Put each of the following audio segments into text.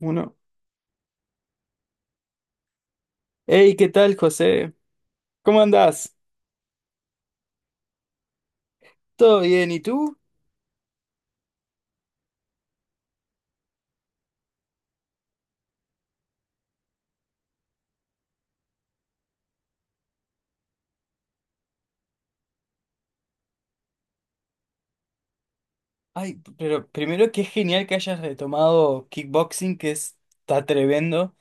Uno. Hey, ¿qué tal, José? ¿Cómo andás? ¿Todo bien? ¿Y tú? Ay, pero primero que es genial que hayas retomado kickboxing, está tremendo.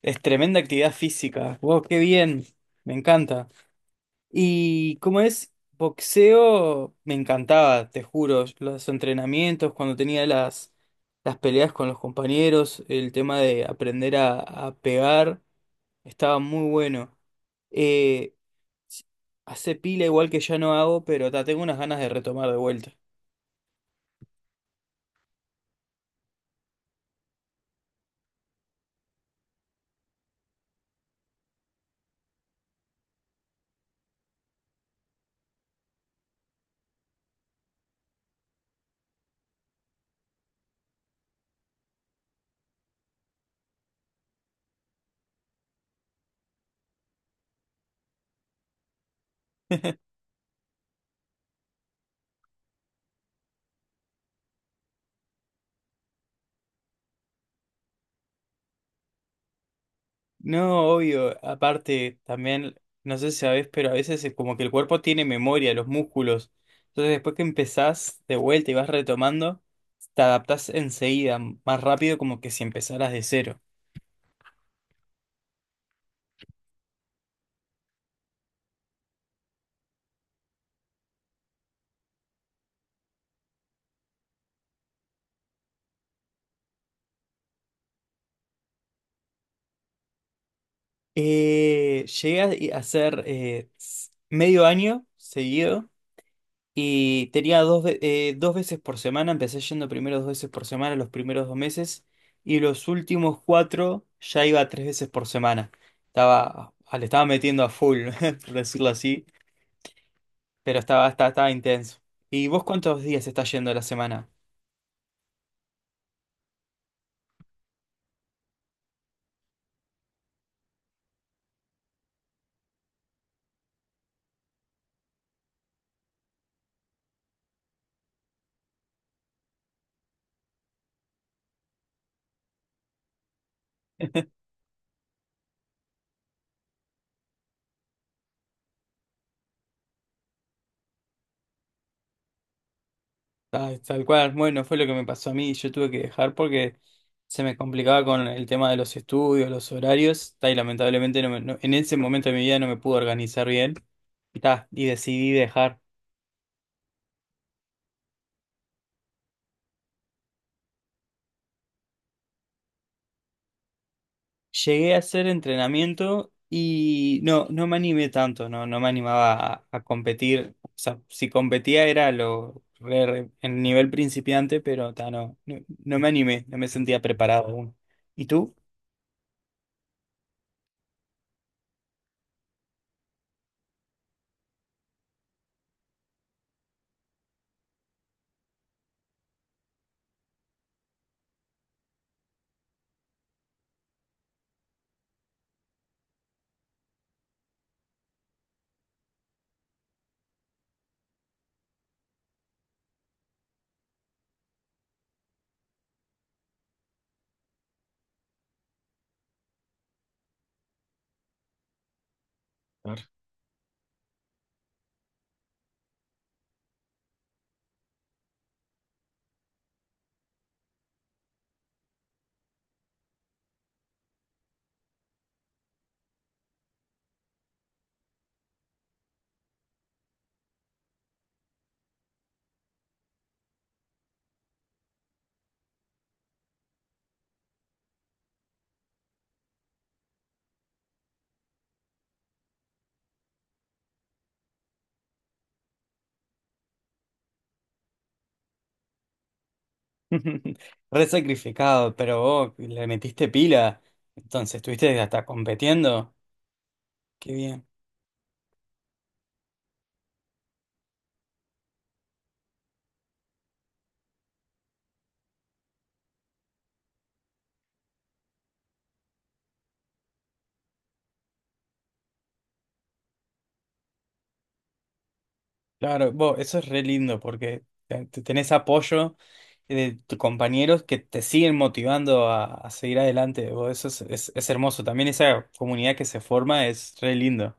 Es tremenda actividad física. Wow, qué bien. Me encanta. Y cómo es boxeo, me encantaba, te juro. Los entrenamientos, cuando tenía las peleas con los compañeros, el tema de aprender a pegar. Estaba muy bueno. Eh, s- Hace pila igual que ya no hago, pero ta, tengo unas ganas de retomar de vuelta. No, obvio. Aparte, también, no sé si sabes pero a veces es como que el cuerpo tiene memoria, los músculos. Entonces después que empezás de vuelta y vas retomando, te adaptás enseguida, más rápido como que si empezaras de cero. Llegué a hacer medio año seguido. Y tenía dos veces por semana, empecé yendo primero dos veces por semana los primeros dos meses y los últimos cuatro ya iba tres veces por semana. Le estaba metiendo a full, por decirlo así, pero estaba intenso. ¿Y vos cuántos días estás yendo a la semana? Ah, tal cual, bueno, fue lo que me pasó a mí, yo tuve que dejar porque se me complicaba con el tema de los estudios, los horarios, ta, y lamentablemente en ese momento de mi vida no me pude organizar bien y, ta, y decidí dejar. Llegué a hacer entrenamiento y no, no me animé tanto, no, no me animaba a competir. O sea, si competía era en nivel principiante, pero ta, no me animé, no me sentía preparado aún. ¿Y tú? Re sacrificado, pero vos le metiste pila, entonces estuviste hasta competiendo. Qué bien. Claro, bo, eso es re lindo porque tenés apoyo de tus compañeros que te siguen motivando a seguir adelante. Bo, eso es, es hermoso. También esa comunidad que se forma es re lindo.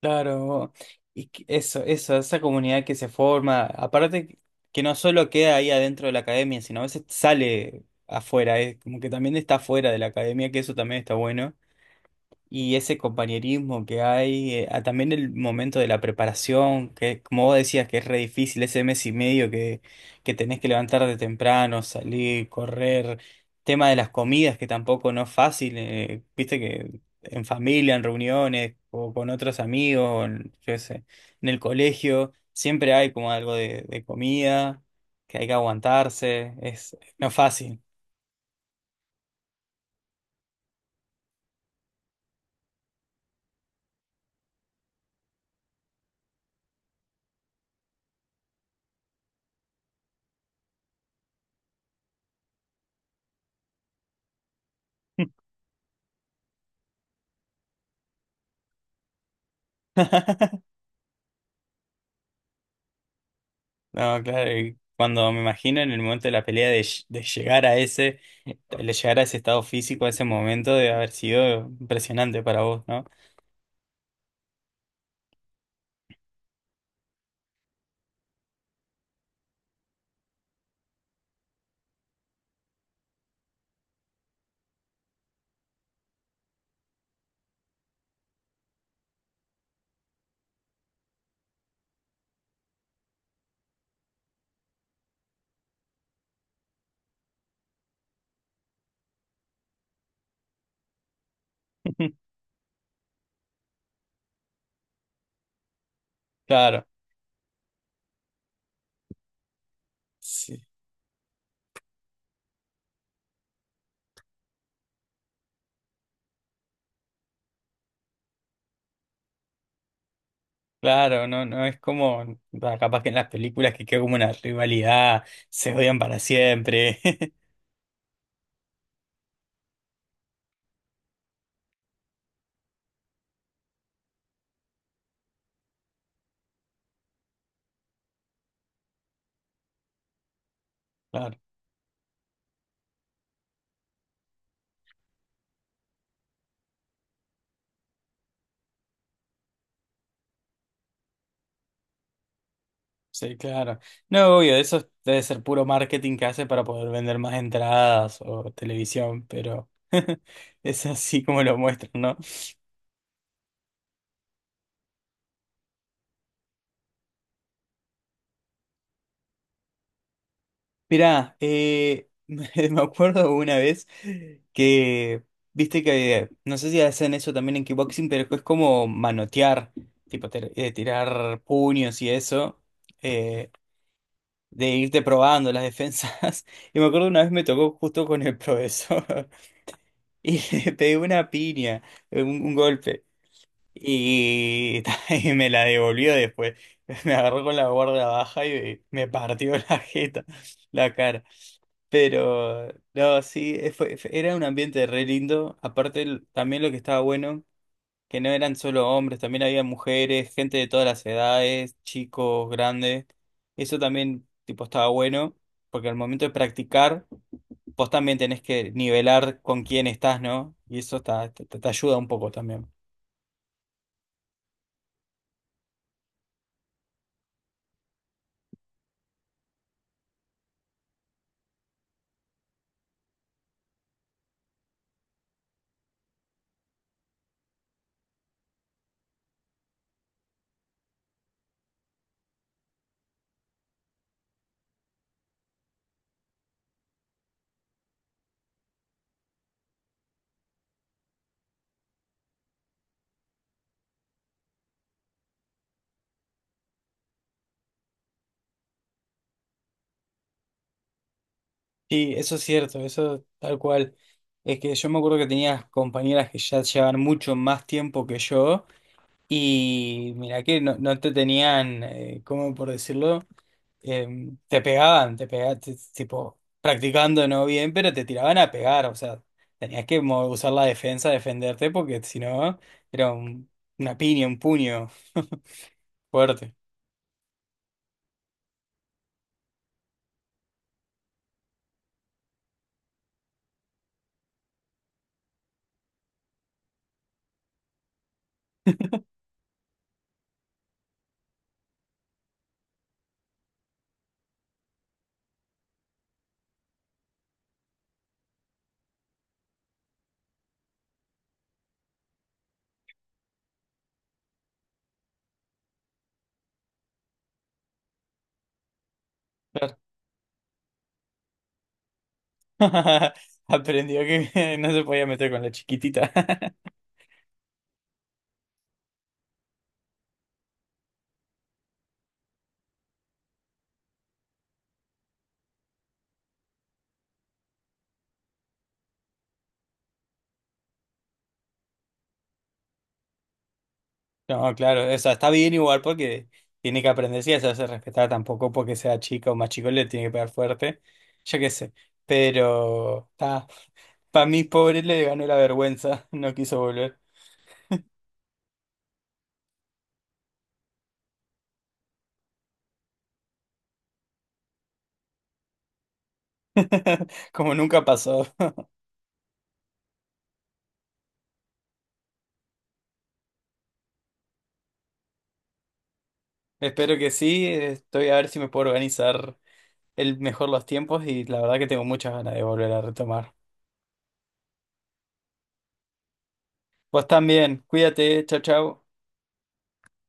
Claro, bo, eso, esa comunidad que se forma, aparte que no solo queda ahí adentro de la academia, sino a veces sale afuera, como que también está afuera de la academia, que eso también está bueno. Y ese compañerismo que hay, ah, también el momento de la preparación, que como vos decías que es re difícil, ese mes y medio que tenés que levantar de temprano, salir, correr, tema de las comidas que tampoco no es fácil, viste que en familia, en reuniones, o con otros amigos, o en, yo qué sé, en el colegio, siempre hay como algo de comida, que hay que aguantarse, es no es fácil. No, claro, y cuando me imagino en el momento de la pelea de llegar a ese, de llegar a ese estado físico, a ese momento, debe haber sido impresionante para vos, ¿no? Claro. Sí, claro, no, no es como, bah, capaz que en las películas que queda como una rivalidad, se odian para siempre. Claro, sí, claro. No, obvio, eso debe ser puro marketing que hace para poder vender más entradas o televisión, pero es así como lo muestran, ¿no? Mirá, me acuerdo una vez que, viste que, no sé si hacen eso también en kickboxing, pero es como manotear, tirar puños y eso, eh, de irte probando las defensas. Y me acuerdo una vez me tocó justo con el profesor y le pegué una piña, un golpe, y, y me la devolvió después. Me agarró con la guardia baja y me partió la jeta, la cara. Pero, no, sí, era un ambiente re lindo. Aparte, también lo que estaba bueno, que no eran solo hombres, también había mujeres, gente de todas las edades, chicos, grandes. Eso también, tipo, estaba bueno, porque al momento de practicar, vos también tenés que nivelar con quién estás, ¿no? Y eso está- te- te ayuda un poco también. Sí, eso es cierto, eso tal cual. Es que yo me acuerdo que tenías compañeras que ya llevaban mucho más tiempo que yo. Y mira que no, no te tenían, ¿cómo por decirlo? Em, te pegaban, tipo, practicando no bien, pero te tiraban a pegar, o sea, tenías que usar la defensa, defenderte, porque si no, era una piña, un puño fuerte. Claro. Aprendió que no se podía meter con la chiquitita. No, claro, o sea, está bien igual porque tiene que aprender, sí, a hacerse respetar tampoco porque sea chica o más chico le tiene que pegar fuerte, yo qué sé, pero está, para mí pobre le ganó la vergüenza, no quiso volver, como nunca pasó. Espero que sí, estoy a ver si me puedo organizar el mejor los tiempos y la verdad que tengo muchas ganas de volver a retomar. Vos también, cuídate, chao, chao.